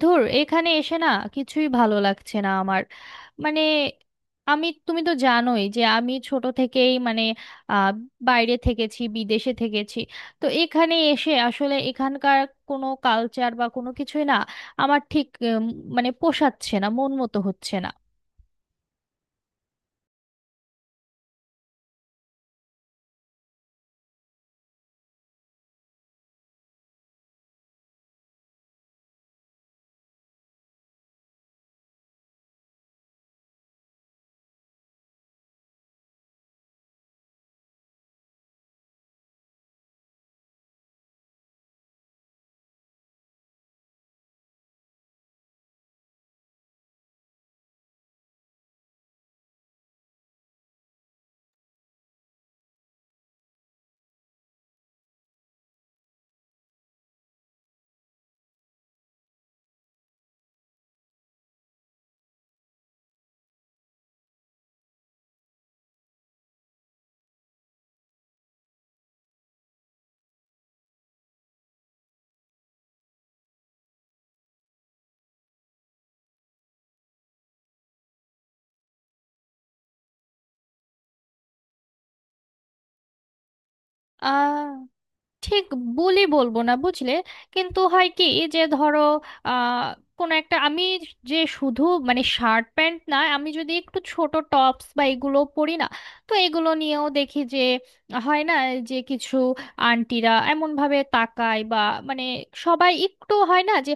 ধুর এখানে এসে না, কিছুই ভালো লাগছে না আমার। মানে আমি তুমি তো জানোই যে আমি ছোট থেকেই আহ, বাইরে থেকেছি, বিদেশে থেকেছি। তো এখানে এসে আসলে এখানকার কোনো কালচার বা কোনো কিছুই না, আমার ঠিক মানে পোষাচ্ছে না, মন মতো হচ্ছে না। আহ ঠিক বলি, বলবো না, বুঝলে? কিন্তু হয় কি, যে ধরো আহ কোনো একটা আমি যে শুধু শার্ট প্যান্ট না, আমি যদি একটু ছোট টপস বা এগুলো পরি না, তো এগুলো নিয়েও দেখি যে হয় না, যে কিছু আন্টিরা এমন ভাবে তাকায় বা মানে সবাই একটু হয় না যে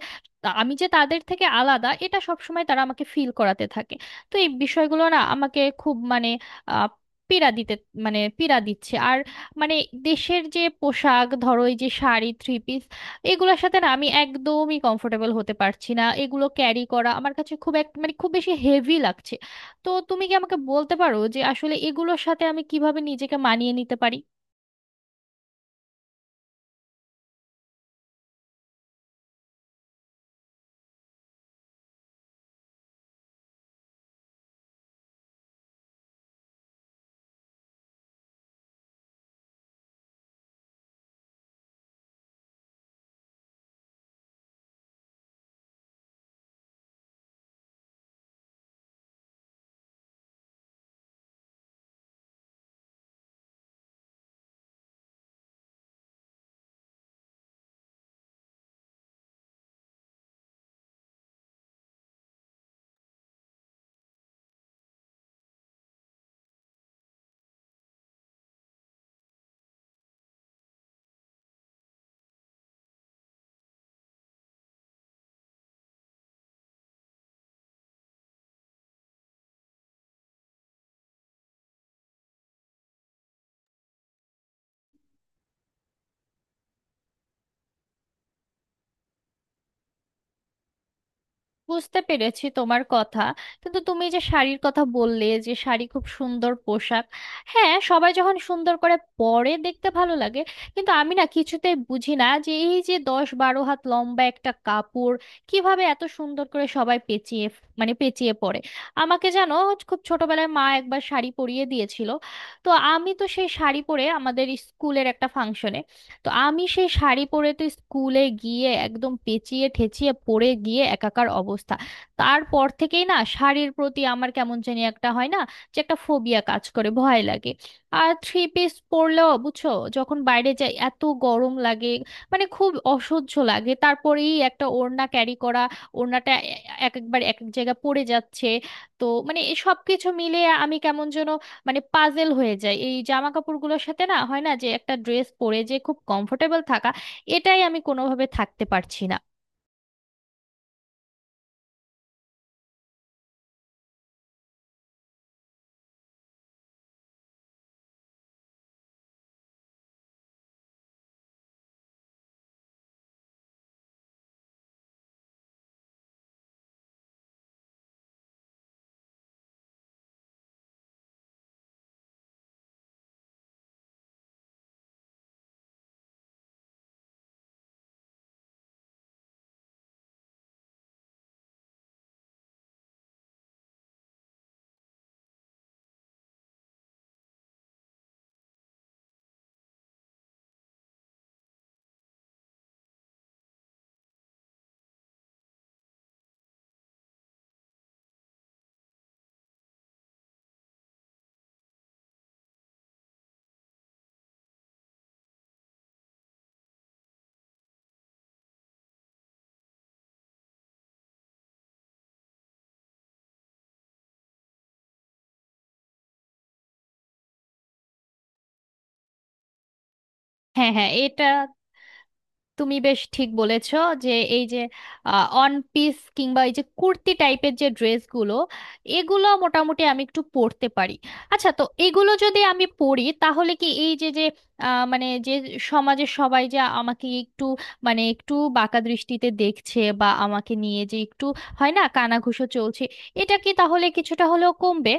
আমি যে তাদের থেকে আলাদা, এটা সবসময় তারা আমাকে ফিল করাতে থাকে। তো এই বিষয়গুলো না আমাকে খুব আহ, পীড়া দিতে পীড়া দিচ্ছে। আর মানে দেশের যে পোশাক ধরো, এই যে শাড়ি, থ্রি পিস, এগুলোর সাথে না আমি একদমই কমফোর্টেবল হতে পারছি না। এগুলো ক্যারি করা আমার কাছে খুব এক মানে খুব বেশি হেভি লাগছে। তো তুমি কি আমাকে বলতে পারো যে আসলে এগুলোর সাথে আমি কিভাবে নিজেকে মানিয়ে নিতে পারি? বুঝতে পেরেছি তোমার কথা। কিন্তু তুমি যে শাড়ির কথা বললে যে শাড়ি খুব সুন্দর পোশাক, হ্যাঁ সবাই যখন সুন্দর করে পরে দেখতে ভালো লাগে। কিন্তু আমি না কিছুতে বুঝি না যে এই যে 10-12 হাত লম্বা একটা কাপড় কিভাবে এত সুন্দর করে সবাই পেঁচিয়ে পেঁচিয়ে পরে। আমাকে জানো, খুব ছোটবেলায় মা একবার শাড়ি পরিয়ে দিয়েছিল। তো আমি তো সেই শাড়ি পরে আমাদের স্কুলের একটা ফাংশনে, তো আমি সেই শাড়ি পরে তো স্কুলে গিয়ে একদম পেঁচিয়ে ঠেচিয়ে পরে গিয়ে একাকার অবস্থা। তারপর থেকেই না শাড়ির প্রতি আমার কেমন জানি একটা হয় না, যে একটা ফোবিয়া কাজ করে, ভয় লাগে। আর থ্রি পিস পরলেও বুঝছো, যখন বাইরে যাই এত গরম লাগে, খুব অসহ্য লাগে। তারপরেই একটা ওড়না ক্যারি করা, ওড়নাটা এক একবার এক এক জায়গায় পড়ে যাচ্ছে। তো সবকিছু মিলে আমি কেমন যেন পাজেল হয়ে যায়। এই জামা কাপড়গুলোর সাথে না, হয় না যে একটা ড্রেস পরে যে খুব কমফোর্টেবল থাকা, এটাই আমি কোনোভাবে থাকতে পারছি না। হ্যাঁ, হ্যাঁ, এটা তুমি বেশ ঠিক বলেছ। যে এই যে অন পিস কিংবা এই যে কুর্তি টাইপের যে ড্রেসগুলো, এগুলো মোটামুটি আমি একটু পরতে পারি। আচ্ছা, তো এগুলো যদি আমি পরি তাহলে কি এই যে যে আহ, মানে যে সমাজে সবাই যে আমাকে একটু একটু বাঁকা দৃষ্টিতে দেখছে বা আমাকে নিয়ে যে একটু হয় না কানাঘুষো চলছে, এটা কি তাহলে কিছুটা হলেও কমবে?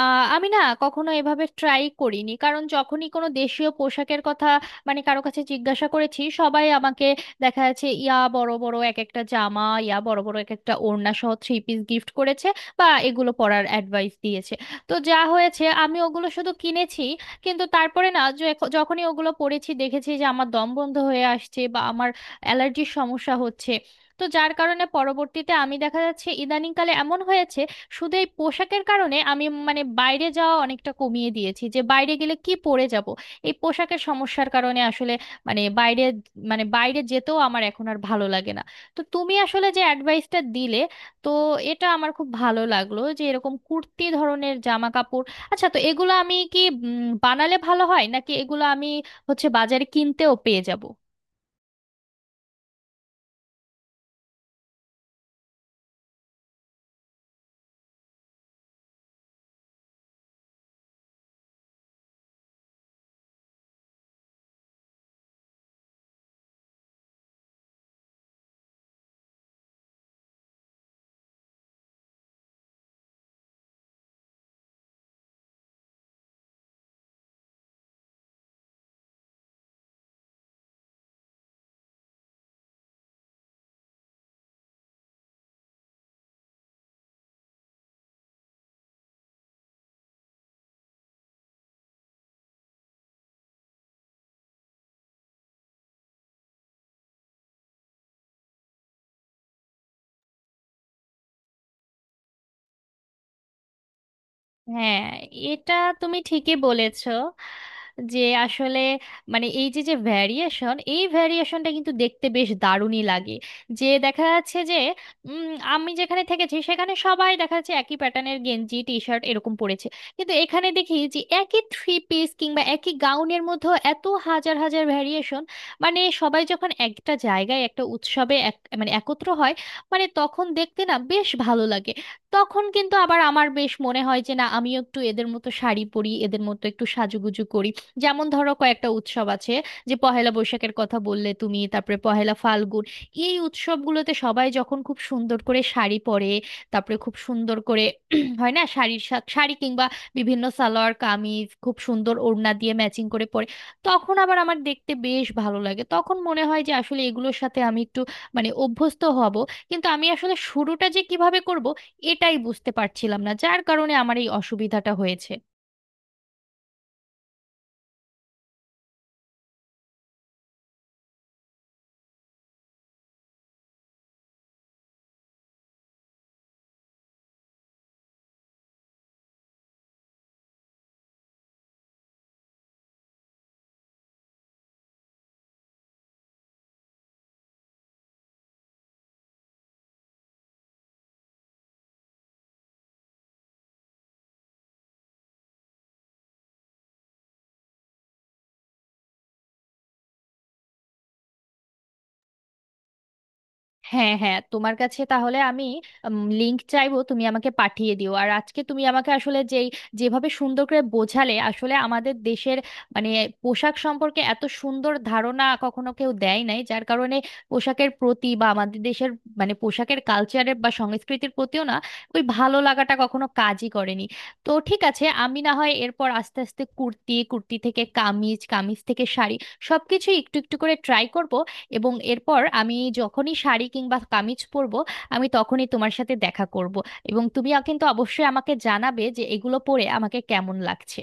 আমি না কখনো এভাবে ট্রাই করিনি, কারণ যখনই কোনো দেশীয় পোশাকের কথা কারো কাছে জিজ্ঞাসা করেছি, সবাই আমাকে দেখা যাচ্ছে ইয়া বড় বড় এক একটা জামা, ইয়া বড় বড় এক একটা ওড়না সহ থ্রি পিস গিফট করেছে বা এগুলো পরার অ্যাডভাইস দিয়েছে। তো যা হয়েছে, আমি ওগুলো শুধু কিনেছি। কিন্তু তারপরে না, যে যখনই ওগুলো পরেছি দেখেছি যে আমার দম বন্ধ হয়ে আসছে বা আমার অ্যালার্জির সমস্যা হচ্ছে। তো যার কারণে পরবর্তীতে আমি দেখা যাচ্ছে ইদানিংকালে এমন হয়েছে, শুধু এই পোশাকের কারণে আমি বাইরে যাওয়া অনেকটা কমিয়ে দিয়েছি। যে বাইরে গেলে কি পরে যাব, এই পোশাকের সমস্যার কারণে আসলে মানে বাইরে মানে বাইরে যেতেও আমার এখন আর ভালো লাগে না। তো তুমি আসলে যে অ্যাডভাইসটা দিলে, তো এটা আমার খুব ভালো লাগলো যে এরকম কুর্তি ধরনের জামা কাপড়। আচ্ছা, তো এগুলো আমি কি বানালে ভালো হয় নাকি এগুলো আমি হচ্ছে বাজারে কিনতেও পেয়ে যাব? হ্যাঁ এটা তুমি ঠিকই বলেছো। যে আসলে এই যে যে ভ্যারিয়েশন, এই ভ্যারিয়েশনটা কিন্তু দেখতে বেশ দারুণই লাগে। যে দেখা যাচ্ছে যে উম, আমি যেখানে থেকেছি সেখানে সবাই দেখা যাচ্ছে একই প্যাটার্নের গেঞ্জি টি শার্ট এরকম পরেছে। কিন্তু এখানে দেখি যে একই থ্রি পিস কিংবা একই গাউনের মধ্যে এত হাজার হাজার ভ্যারিয়েশন। সবাই যখন একটা জায়গায় একটা উৎসবে এক একত্র হয়, তখন দেখতে না বেশ ভালো লাগে। তখন কিন্তু আবার আমার বেশ মনে হয় যে না, আমিও একটু এদের মতো শাড়ি পরি, এদের মতো একটু সাজুগুজু করি। যেমন ধরো কয়েকটা উৎসব আছে, যে পহেলা বৈশাখের কথা বললে তুমি, তারপরে পহেলা ফাল্গুন, এই উৎসবগুলোতে সবাই যখন খুব সুন্দর করে শাড়ি পরে, তারপরে খুব সুন্দর করে হয় না, শাড়ি কিংবা বিভিন্ন সালোয়ার কামিজ খুব সুন্দর ওড়না দিয়ে ম্যাচিং করে পরে, তখন আবার আমার দেখতে বেশ ভালো লাগে। তখন মনে হয় যে আসলে এগুলোর সাথে আমি একটু অভ্যস্ত হব। কিন্তু আমি আসলে শুরুটা যে কিভাবে করব, এটাই বুঝতে পারছিলাম না, যার কারণে আমার এই অসুবিধাটা হয়েছে। হ্যাঁ, হ্যাঁ, তোমার কাছে তাহলে আমি লিংক চাইবো, তুমি আমাকে পাঠিয়ে দিও। আর আজকে তুমি আমাকে আসলে যেভাবে সুন্দর করে বোঝালে, আসলে আমাদের দেশের মানে পোশাক সম্পর্কে এত সুন্দর ধারণা কখনো কেউ দেয় নাই, যার কারণে পোশাকের প্রতি বা আমাদের দেশের পোশাকের কালচারের বা সংস্কৃতির প্রতিও না ওই ভালো লাগাটা কখনো কাজই করেনি। তো ঠিক আছে, আমি না হয় এরপর আস্তে আস্তে কুর্তি, কুর্তি থেকে কামিজ, কামিজ থেকে শাড়ি, সবকিছুই একটু একটু করে ট্রাই করব। এবং এরপর আমি যখনই শাড়ি কিংবা কামিজ পরবো, আমি তখনই তোমার সাথে দেখা করব। এবং তুমি কিন্তু অবশ্যই আমাকে জানাবে যে এগুলো পরে আমাকে কেমন লাগছে।